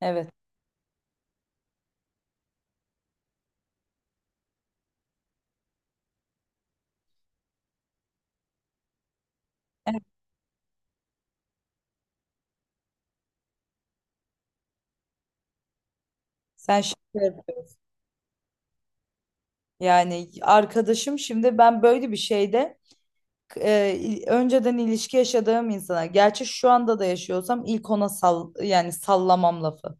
Evet. Evet. Sen şaka yapıyorsun. Yani arkadaşım, şimdi ben böyle bir şeyde önceden ilişki yaşadığım insana, gerçi şu anda da yaşıyorsam, ilk ona sal, yani sallamam lafı.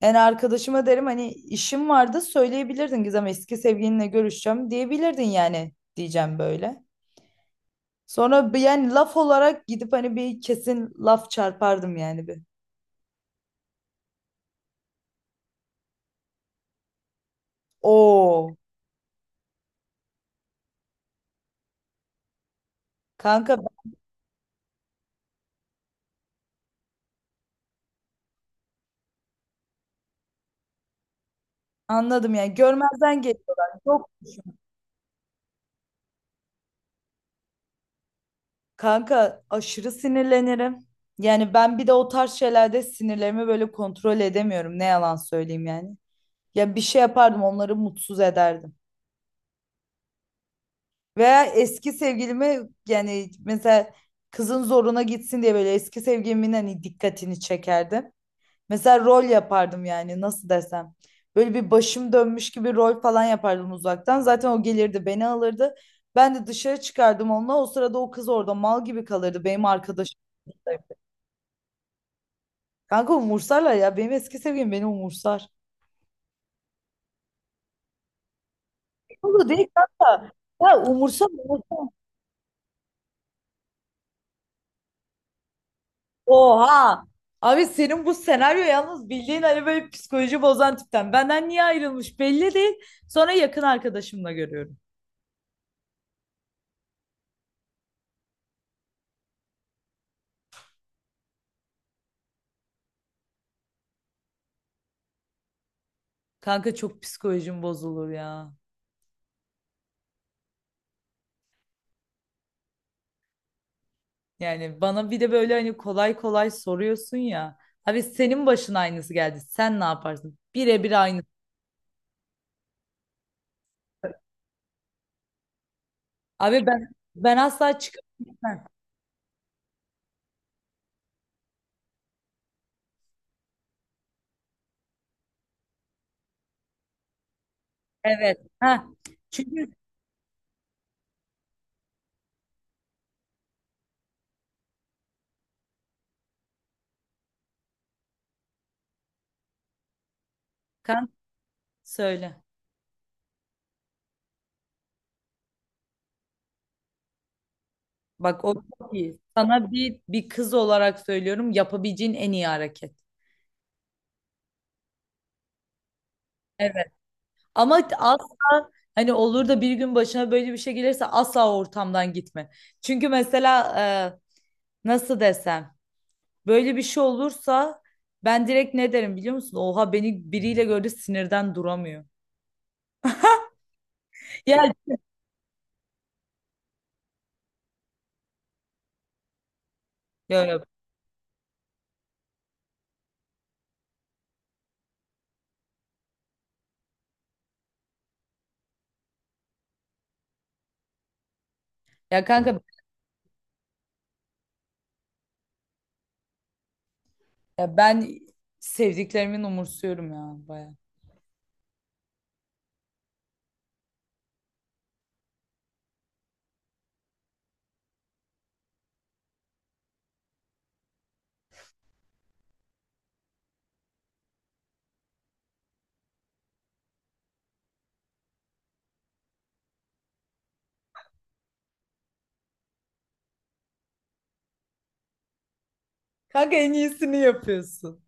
Yani arkadaşıma derim, hani işim vardı söyleyebilirdin, Gizem eski sevgilinle görüşeceğim diyebilirdin yani, diyeceğim böyle. Sonra bir, yani laf olarak gidip hani bir kesin laf çarpardım yani, bir. Oo kanka, ben anladım, yani görmezden geliyorlar. Yok. Kanka aşırı sinirlenirim. Yani ben bir de o tarz şeylerde sinirlerimi böyle kontrol edemiyorum, ne yalan söyleyeyim yani. Ya bir şey yapardım, onları mutsuz ederdim. Veya eski sevgilimi, yani mesela kızın zoruna gitsin diye böyle eski sevgilimin hani dikkatini çekerdim. Mesela rol yapardım, yani nasıl desem. Böyle bir başım dönmüş gibi rol falan yapardım uzaktan. Zaten o gelirdi beni alırdı. Ben de dışarı çıkardım onunla. O sırada o kız orada mal gibi kalırdı, benim arkadaşım. Kanka umursarlar ya. Benim eski sevgilim beni umursar. Oğlum değil kanka. Ya umursa umursa. Oha. Abi senin bu senaryo yalnız bildiğin hani böyle psikoloji bozan tipten. Benden niye ayrılmış belli değil. Sonra yakın arkadaşımla görüyorum. Kanka çok psikolojim bozulur ya. Yani bana bir de böyle hani kolay kolay soruyorsun ya. Abi senin başına aynısı geldi. Sen ne yaparsın? Birebir aynısı. Abi ben asla çıkamam. Evet. Ha. Çünkü kan, söyle. Bak o çok iyi. Sana bir kız olarak söylüyorum, yapabileceğin en iyi hareket. Evet. Ama asla, hani olur da bir gün başına böyle bir şey gelirse, asla o ortamdan gitme. Çünkü mesela nasıl desem, böyle bir şey olursa ben direkt ne derim biliyor musun? Oha, beni biriyle gördü sinirden duramıyor. Ya, ya, ya, ya kanka, ya ben sevdiklerimin umursuyorum ya, baya. Kanka en iyisini yapıyorsun.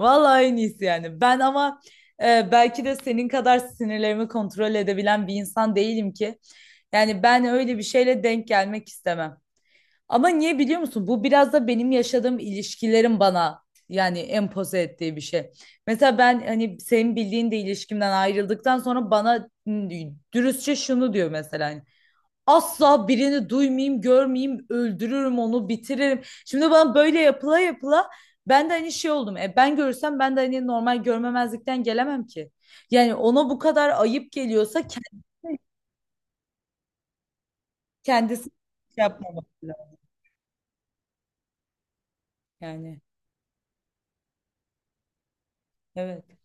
Vallahi en iyisi yani. Ben ama belki de senin kadar sinirlerimi kontrol edebilen bir insan değilim ki. Yani ben öyle bir şeyle denk gelmek istemem. Ama niye biliyor musun? Bu biraz da benim yaşadığım ilişkilerin bana, yani empoze ettiği bir şey. Mesela ben hani senin bildiğin de ilişkimden ayrıldıktan sonra bana dürüstçe şunu diyor mesela, hani, asla birini duymayayım, görmeyeyim, öldürürüm onu, bitiririm. Şimdi bana böyle yapıla yapıla ben de hani şey oldum. E ben görürsem, ben de hani normal görmemezlikten gelemem ki. Yani ona bu kadar ayıp geliyorsa kendisi, kendisi şey yapmamak lazım. Yani evet.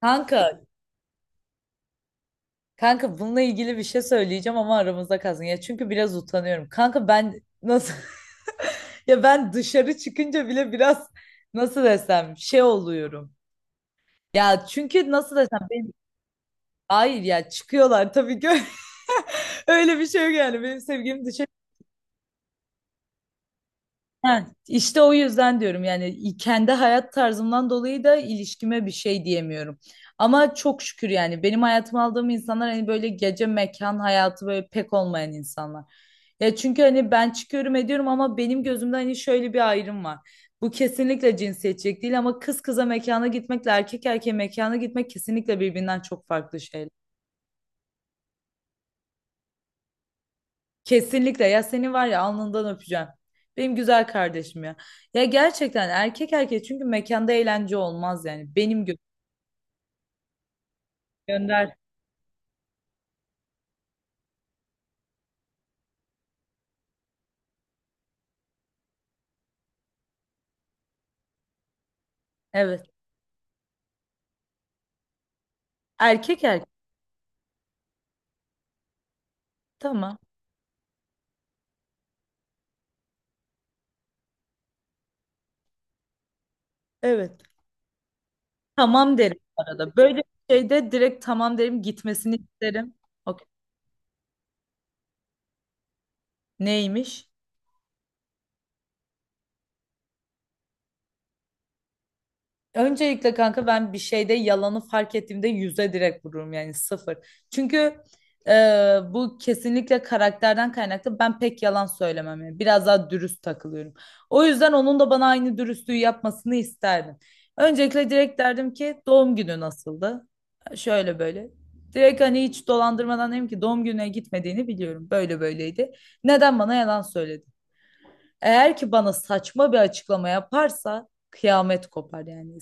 Kanka, kanka, bununla ilgili bir şey söyleyeceğim ama aramızda kalsın. Ya çünkü biraz utanıyorum. Kanka ben nasıl... Ya ben dışarı çıkınca bile biraz nasıl desem, şey oluyorum. Ya çünkü nasıl desem... Hayır ya, çıkıyorlar tabii ki. Öyle bir şey yok yani. Benim sevgilim dışarı... Ha, işte o yüzden diyorum, yani kendi hayat tarzımdan dolayı da ilişkime bir şey diyemiyorum. Ama çok şükür yani benim hayatıma aldığım insanlar hani böyle gece mekan hayatı böyle pek olmayan insanlar. Ya çünkü hani ben çıkıyorum ediyorum ama benim gözümde hani şöyle bir ayrım var. Bu kesinlikle cinsiyetçilik değil ama kız kıza mekana gitmekle erkek erkeğe mekana gitmek kesinlikle birbirinden çok farklı şeyler. Kesinlikle, ya seni var ya, alnından öpeceğim. Benim güzel kardeşim ya. Ya gerçekten erkek erkek çünkü mekanda eğlence olmaz yani. Benim gö... Gönder. Evet. Erkek erkek, tamam. Evet. Tamam derim bu arada. Böyle bir şeyde direkt tamam derim, gitmesini isterim. Okey. Neymiş? Öncelikle kanka ben bir şeyde yalanı fark ettiğimde yüze direkt vururum, yani sıfır. Çünkü e, bu kesinlikle karakterden kaynaklı. Ben pek yalan söylemem yani, biraz daha dürüst takılıyorum. O yüzden onun da bana aynı dürüstlüğü yapmasını isterdim. Öncelikle direkt derdim ki, doğum günü nasıldı? Şöyle böyle. Direkt hani hiç dolandırmadan dedim ki, doğum gününe gitmediğini biliyorum. Böyle böyleydi. Neden bana yalan söyledin? Eğer ki bana saçma bir açıklama yaparsa kıyamet kopar yani.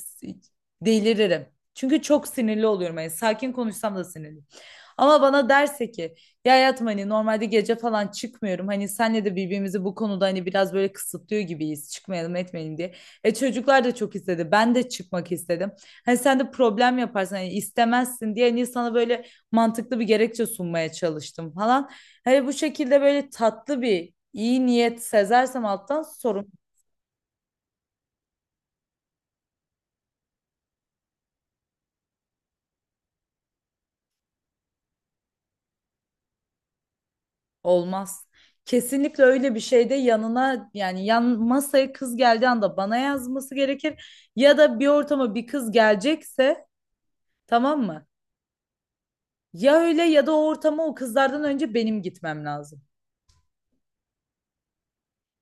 Delirim. Çünkü çok sinirli oluyorum. Yani sakin konuşsam da sinirli. Ama bana derse ki ya hayatım, hani normalde gece falan çıkmıyorum. Hani senle de birbirimizi bu konuda hani biraz böyle kısıtlıyor gibiyiz. Çıkmayalım etmeyelim diye. E çocuklar da çok istedi, ben de çıkmak istedim. Hani sen de problem yaparsın, hani istemezsin diye, hani sana böyle mantıklı bir gerekçe sunmaya çalıştım falan. Hani bu şekilde böyle tatlı bir iyi niyet sezersem alttan sorun... Olmaz. Kesinlikle öyle bir şeyde yanına, yani yan masaya kız geldiği anda bana yazması gerekir. Ya da bir ortama bir kız gelecekse, tamam mı? Ya öyle ya da o ortama o kızlardan önce benim gitmem lazım.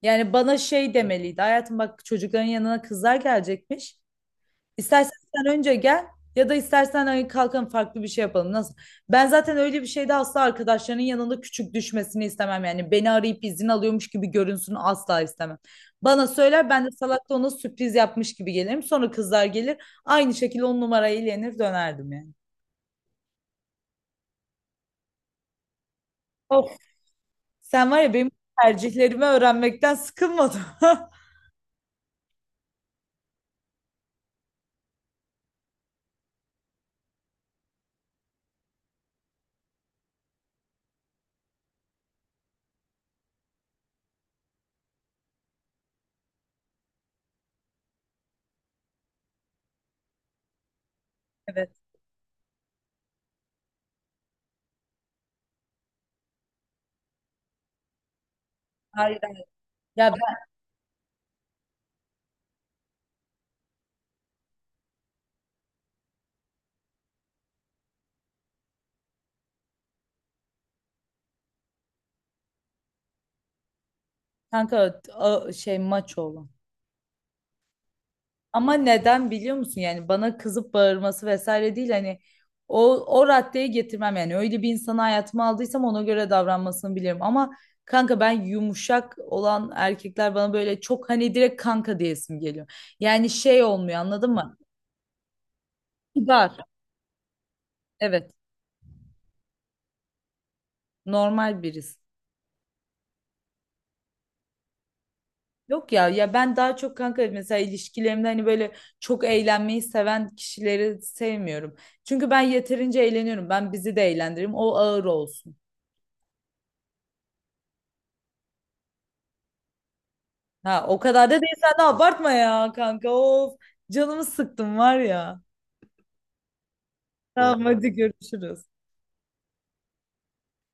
Yani bana şey demeliydi: hayatım bak, çocukların yanına kızlar gelecekmiş. İstersen sen önce gel, ya da istersen hani kalkalım farklı bir şey yapalım. Nasıl? Ben zaten öyle bir şeyde asla arkadaşlarının yanında küçük düşmesini istemem. Yani beni arayıp izin alıyormuş gibi görünsün asla istemem. Bana söyler, ben de salak da ona sürpriz yapmış gibi gelirim. Sonra kızlar gelir, aynı şekilde on numarayı eğlenir dönerdim yani. Of, sen var ya, benim tercihlerimi öğrenmekten sıkılmadın. Evet. Hayır, hayır. Ya ben kanka, şey, maç oğlu. Ama neden biliyor musun? Yani bana kızıp bağırması vesaire değil, hani o raddeye getirmem yani, öyle bir insanı hayatıma aldıysam ona göre davranmasını bilirim ama kanka ben yumuşak olan erkekler, bana böyle çok hani direkt kanka diyesim geliyor. Yani şey olmuyor anladın mı? Kibar. Evet, normal birisi. Yok ya, ya ben daha çok kanka mesela ilişkilerimde hani böyle çok eğlenmeyi seven kişileri sevmiyorum. Çünkü ben yeterince eğleniyorum. Ben bizi de eğlendiririm. O ağır olsun. Ha, o kadar da değil, sen de abartma ya kanka. Of, canımı sıktım var ya. Tamam. Hadi görüşürüz.